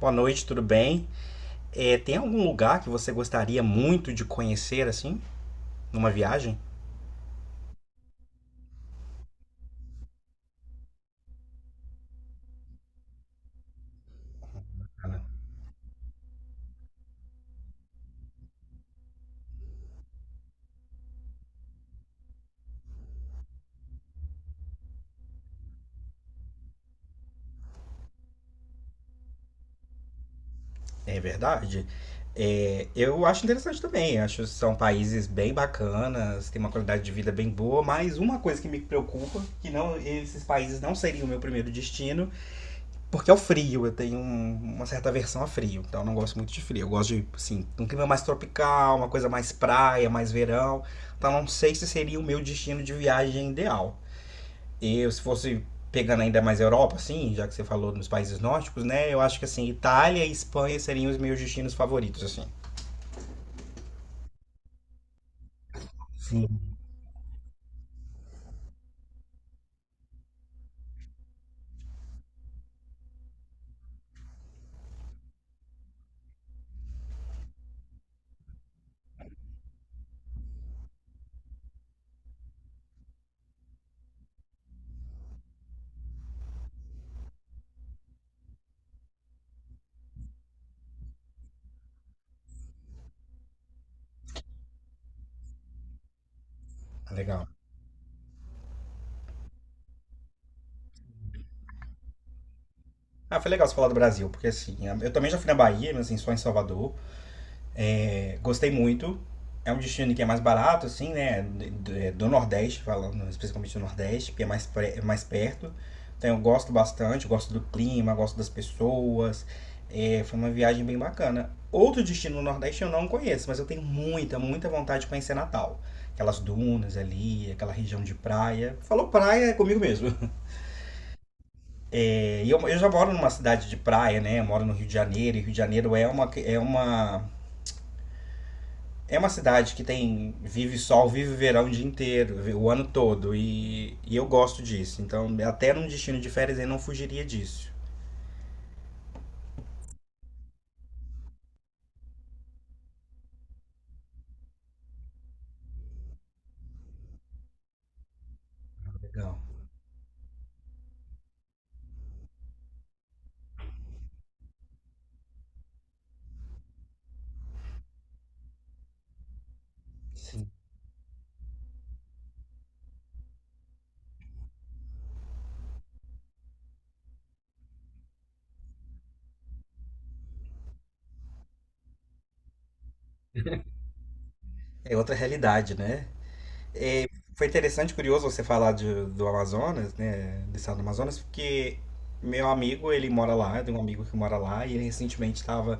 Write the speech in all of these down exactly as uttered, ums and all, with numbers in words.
Boa noite, tudo bem? É, tem algum lugar que você gostaria muito de conhecer, assim, numa viagem? Ana? É verdade. É, eu acho interessante também. Acho que são países bem bacanas, tem uma qualidade de vida bem boa, mas uma coisa que me preocupa, que não, esses países não seriam o meu primeiro destino, porque é o frio. Eu tenho um- uma certa aversão a frio, então eu não gosto muito de frio. Eu gosto de, assim, um clima mais tropical, uma coisa mais praia, mais verão. Então não sei se seria o meu destino de viagem ideal. E eu, se fosse pegando ainda mais a Europa, assim, já que você falou nos países nórdicos, né? Eu acho que assim, Itália e Espanha seriam os meus destinos favoritos, assim. Sim. Legal. Ah, foi legal você falar do Brasil, porque assim, eu também já fui na Bahia, mas assim, só em Salvador. É, gostei muito. É um destino que é mais barato, assim, né? d- Do Nordeste, falando especificamente do Nordeste, que é mais, pre- é mais perto. Então eu gosto bastante, gosto do clima, gosto das pessoas. É, foi uma viagem bem bacana. Outro destino no Nordeste eu não conheço, mas eu tenho muita, muita vontade de conhecer Natal. Aquelas dunas ali, aquela região de praia. Falou praia, é comigo mesmo. É, e eu, eu já moro numa cidade de praia, né? Eu moro no Rio de Janeiro, e Rio de Janeiro é uma, é uma é uma cidade que tem vive sol, vive verão o dia inteiro, o ano todo. E, e eu gosto disso. Então, até num destino de férias, eu não fugiria disso. Legal. Sim. É outra realidade, né? É, foi interessante, curioso você falar de- do Amazonas, né? Do estado do Amazonas, porque meu amigo, ele mora lá, tem um amigo que mora lá, e ele recentemente estava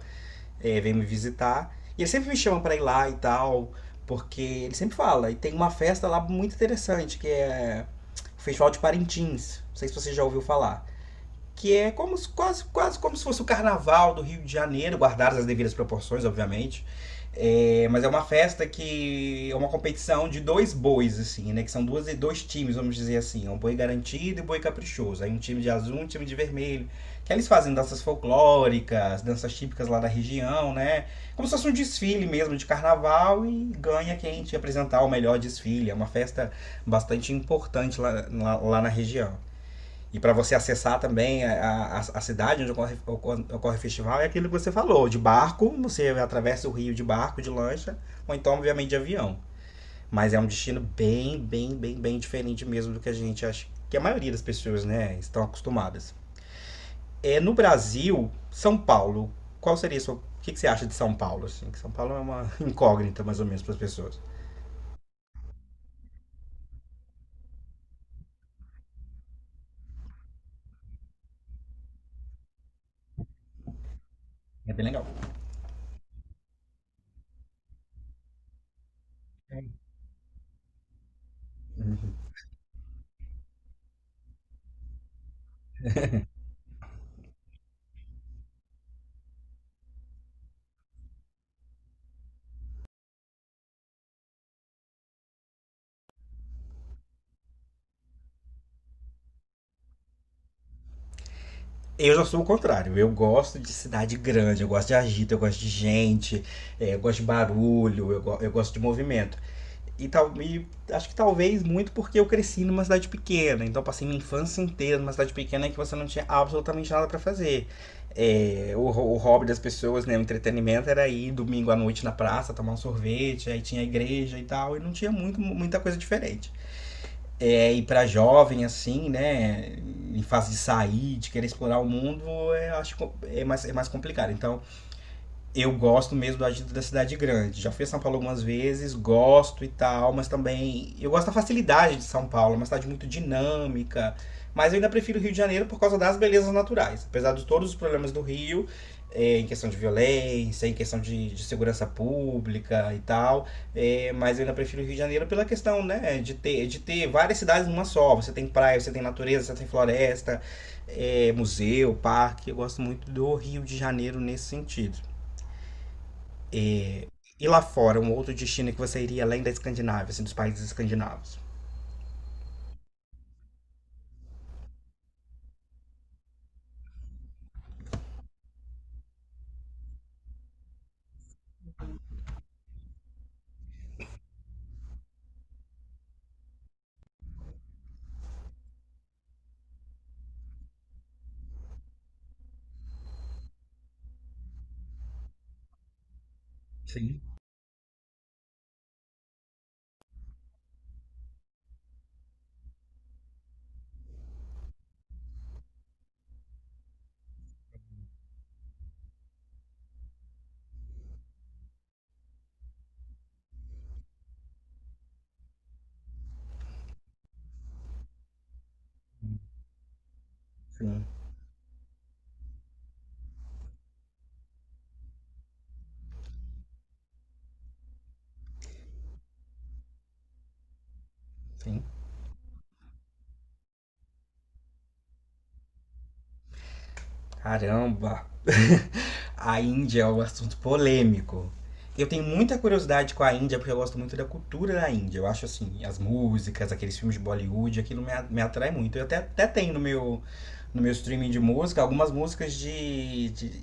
é, vem me visitar. E ele sempre me chama pra ir lá e tal, porque ele sempre fala. E tem uma festa lá muito interessante, que é o Festival de Parintins. Não sei se você já ouviu falar que é como quase, quase como se fosse o carnaval do Rio de Janeiro, guardadas as devidas proporções, obviamente. É, mas é uma festa que é uma competição de dois bois, assim, né? Que são duas, dois times, vamos dizer assim. É um boi garantido e um boi caprichoso. Aí um time de azul, e um time de vermelho. Que eles fazem danças folclóricas, danças típicas lá da região, né? Como se fosse um desfile mesmo de carnaval e ganha quem te apresentar o melhor desfile. É uma festa bastante importante lá, lá, lá na região. E para você acessar também a, a, a cidade onde ocorre, ocorre, ocorre, o festival, é aquilo que você falou: de barco, você atravessa o rio de barco, de lancha, ou então, obviamente, de avião. Mas é um destino bem, bem, bem, bem diferente mesmo do que a gente acha que a maioria das pessoas né, estão acostumadas. É, no Brasil, São Paulo, qual seria a sua. O que, que você acha de São Paulo? Assim? São Paulo é uma incógnita, mais ou menos, para as pessoas. É bem legal. Eu já sou o contrário. Eu gosto de cidade grande, eu gosto de agito, eu gosto de gente, eh, eu gosto de barulho, eu, go- eu gosto de movimento. E, tal, e acho que talvez muito porque eu cresci numa cidade pequena, então passei minha infância inteira numa cidade pequena que você não tinha absolutamente nada pra fazer. Eh, o, ho- o hobby das pessoas, né, o entretenimento era ir domingo à noite na praça, tomar um sorvete, aí tinha a igreja e tal, e não tinha muito, muita coisa diferente é, e para jovem, assim, né, em fase de sair, de querer explorar o mundo, eu acho co- é mais, é mais complicado. Então, eu gosto mesmo do agito da cidade grande. Já fui a São Paulo algumas vezes, gosto e tal, mas também eu gosto da facilidade de São Paulo, é uma cidade muito dinâmica. Mas eu ainda prefiro o Rio de Janeiro por causa das belezas naturais. Apesar de todos os problemas do Rio, é, em questão de violência, em questão de, de segurança pública e tal. É, mas eu ainda prefiro o Rio de Janeiro pela questão, né, de ter, de ter várias cidades numa só. Você tem praia, você tem natureza, você tem floresta, é, museu, parque. Eu gosto muito do Rio de Janeiro nesse sentido. E lá fora, um outro destino que você iria além da Escandinávia, assim, dos países escandinavos? Sim. Sim, sim. Caramba! A Índia é um assunto polêmico. Eu tenho muita curiosidade com a Índia porque eu gosto muito da cultura da Índia. Eu acho assim, as músicas, aqueles filmes de Bollywood, aquilo me, a- me atrai muito. Eu até, até tenho no meu, no meu streaming de música algumas músicas de, de,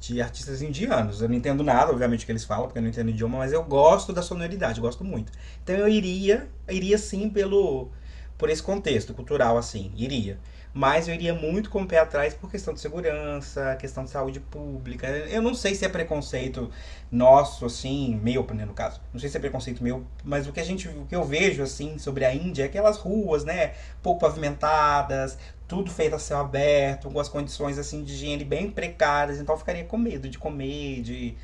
de artistas indianos. Eu não entendo nada, obviamente, que eles falam, porque eu não entendo o idioma, mas eu gosto da sonoridade, gosto muito. Então eu iria, iria sim pelo, por esse contexto cultural, assim, iria. Mas eu iria muito com o pé atrás por questão de segurança, questão de saúde pública. Eu não sei se é preconceito nosso, assim, meu, né, no caso. Não sei se é preconceito meu, mas o que a gente, o que eu vejo, assim, sobre a Índia é aquelas ruas, né, pouco pavimentadas, tudo feito a céu aberto, com as condições, assim, de higiene bem precárias. Então eu ficaria com medo de comer, de...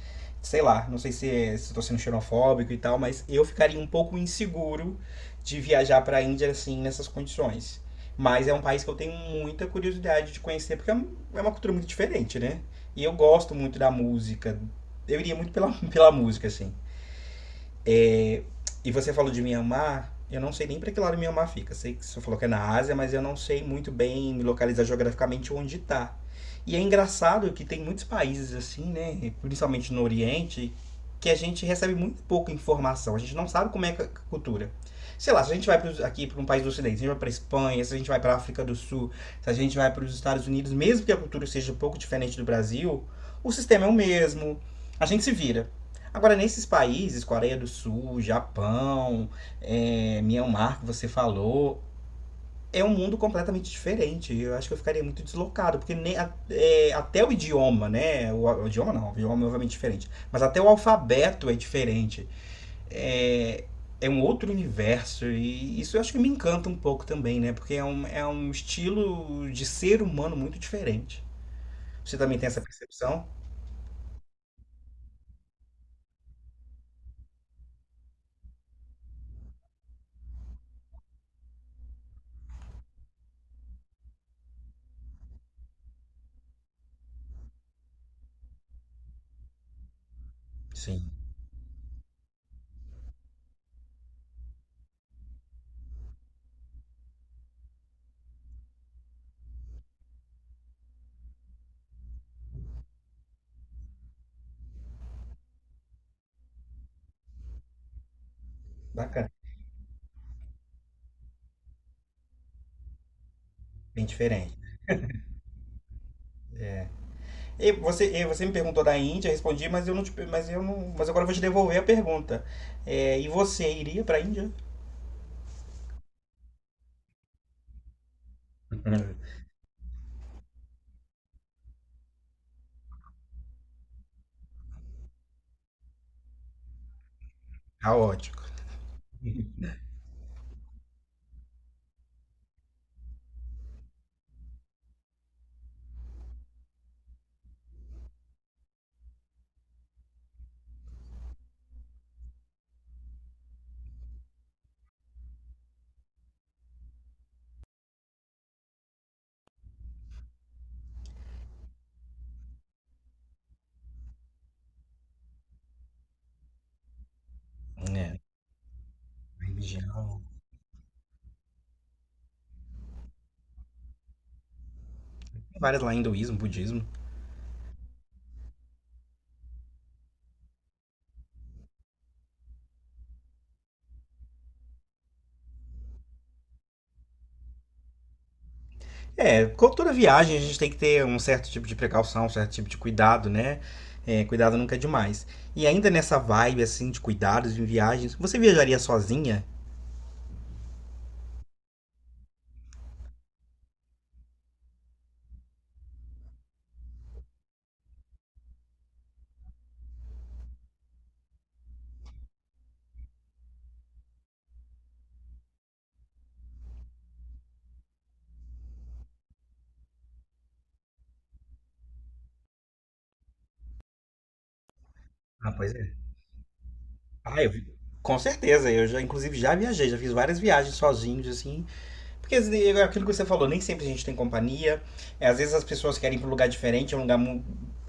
Sei lá, não sei se é, se estou sendo xenofóbico e tal, mas eu ficaria um pouco inseguro de viajar para a Índia assim nessas condições. Mas é um país que eu tenho muita curiosidade de conhecer, porque é um- é uma cultura muito diferente, né? E eu gosto muito da música. Eu iria muito pela, pela música, assim. É, e você falou de Mianmar, eu não sei nem para que lado Mianmar fica. Sei que você falou que é na Ásia, mas eu não sei muito bem me localizar geograficamente onde está. E é engraçado que tem muitos países assim, né, principalmente no Oriente, que a gente recebe muito pouca informação. A gente não sabe como é a cultura. Sei lá, se a gente vai pros, aqui para um país do Ocidente, se a gente vai para Espanha, se a gente vai para a África do Sul, se a gente vai para os Estados Unidos, mesmo que a cultura seja um pouco diferente do Brasil, o sistema é o mesmo. A gente se vira. Agora, nesses países, Coreia do Sul, Japão, é, Myanmar, que você falou, é um mundo completamente diferente. Eu acho que eu ficaria muito deslocado, porque nem, a- é, até o idioma, né? O, o idioma não, o idioma é obviamente diferente. Mas até o alfabeto é diferente. É, é um outro universo. E isso eu acho que me encanta um pouco também, né? Porque é um, é um estilo de ser humano muito diferente. Você também tem essa percepção? Sim. Bacana, bem diferente. E você, e você me perguntou da Índia, respondi, mas eu não te, mas eu não, mas agora eu vou te devolver a pergunta. É, e você iria para a Índia? Caótico. É, religião. Várias lá, hinduísmo, budismo. É, com toda viagem a gente tem que ter um certo tipo de precaução, um certo tipo de cuidado, né? É, cuidado nunca é demais. E ainda nessa vibe, assim, de cuidados em viagens, você viajaria sozinha? Ah, pois é. Ah, eu, vi- com certeza. Eu já, inclusive, já viajei, já fiz várias viagens sozinhos, assim, porque é aquilo que você falou, nem sempre a gente tem companhia. É, às vezes as pessoas querem ir para um lugar diferente, é um lugar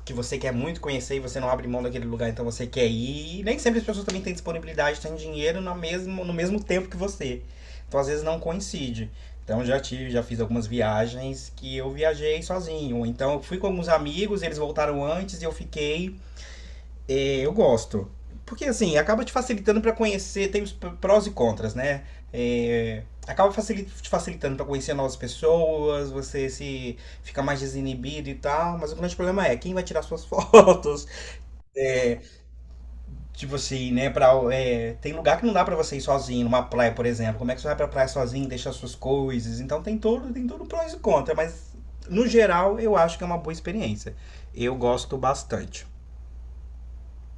que você quer muito conhecer e você não abre mão daquele lugar, então você quer ir. E nem sempre as pessoas também têm disponibilidade, têm dinheiro no mesmo, no mesmo tempo que você. Então às vezes não coincide. Então já tive, já fiz algumas viagens que eu viajei sozinho. Então eu fui com alguns amigos, eles voltaram antes e eu fiquei é, eu gosto. Porque assim, acaba te facilitando para conhecer, tem os p- prós e contras, né? É, acaba facili- te facilitando para conhecer novas pessoas, você se fica mais desinibido e tal, mas o grande problema é quem vai tirar suas fotos. Tipo assim, né, pra, é, tem lugar que não dá para você ir sozinho, numa praia, por exemplo. Como é que você vai pra praia sozinho, e deixa suas coisas? Então tem tudo, tem tudo prós e contras, mas no geral eu acho que é uma boa experiência. Eu gosto bastante.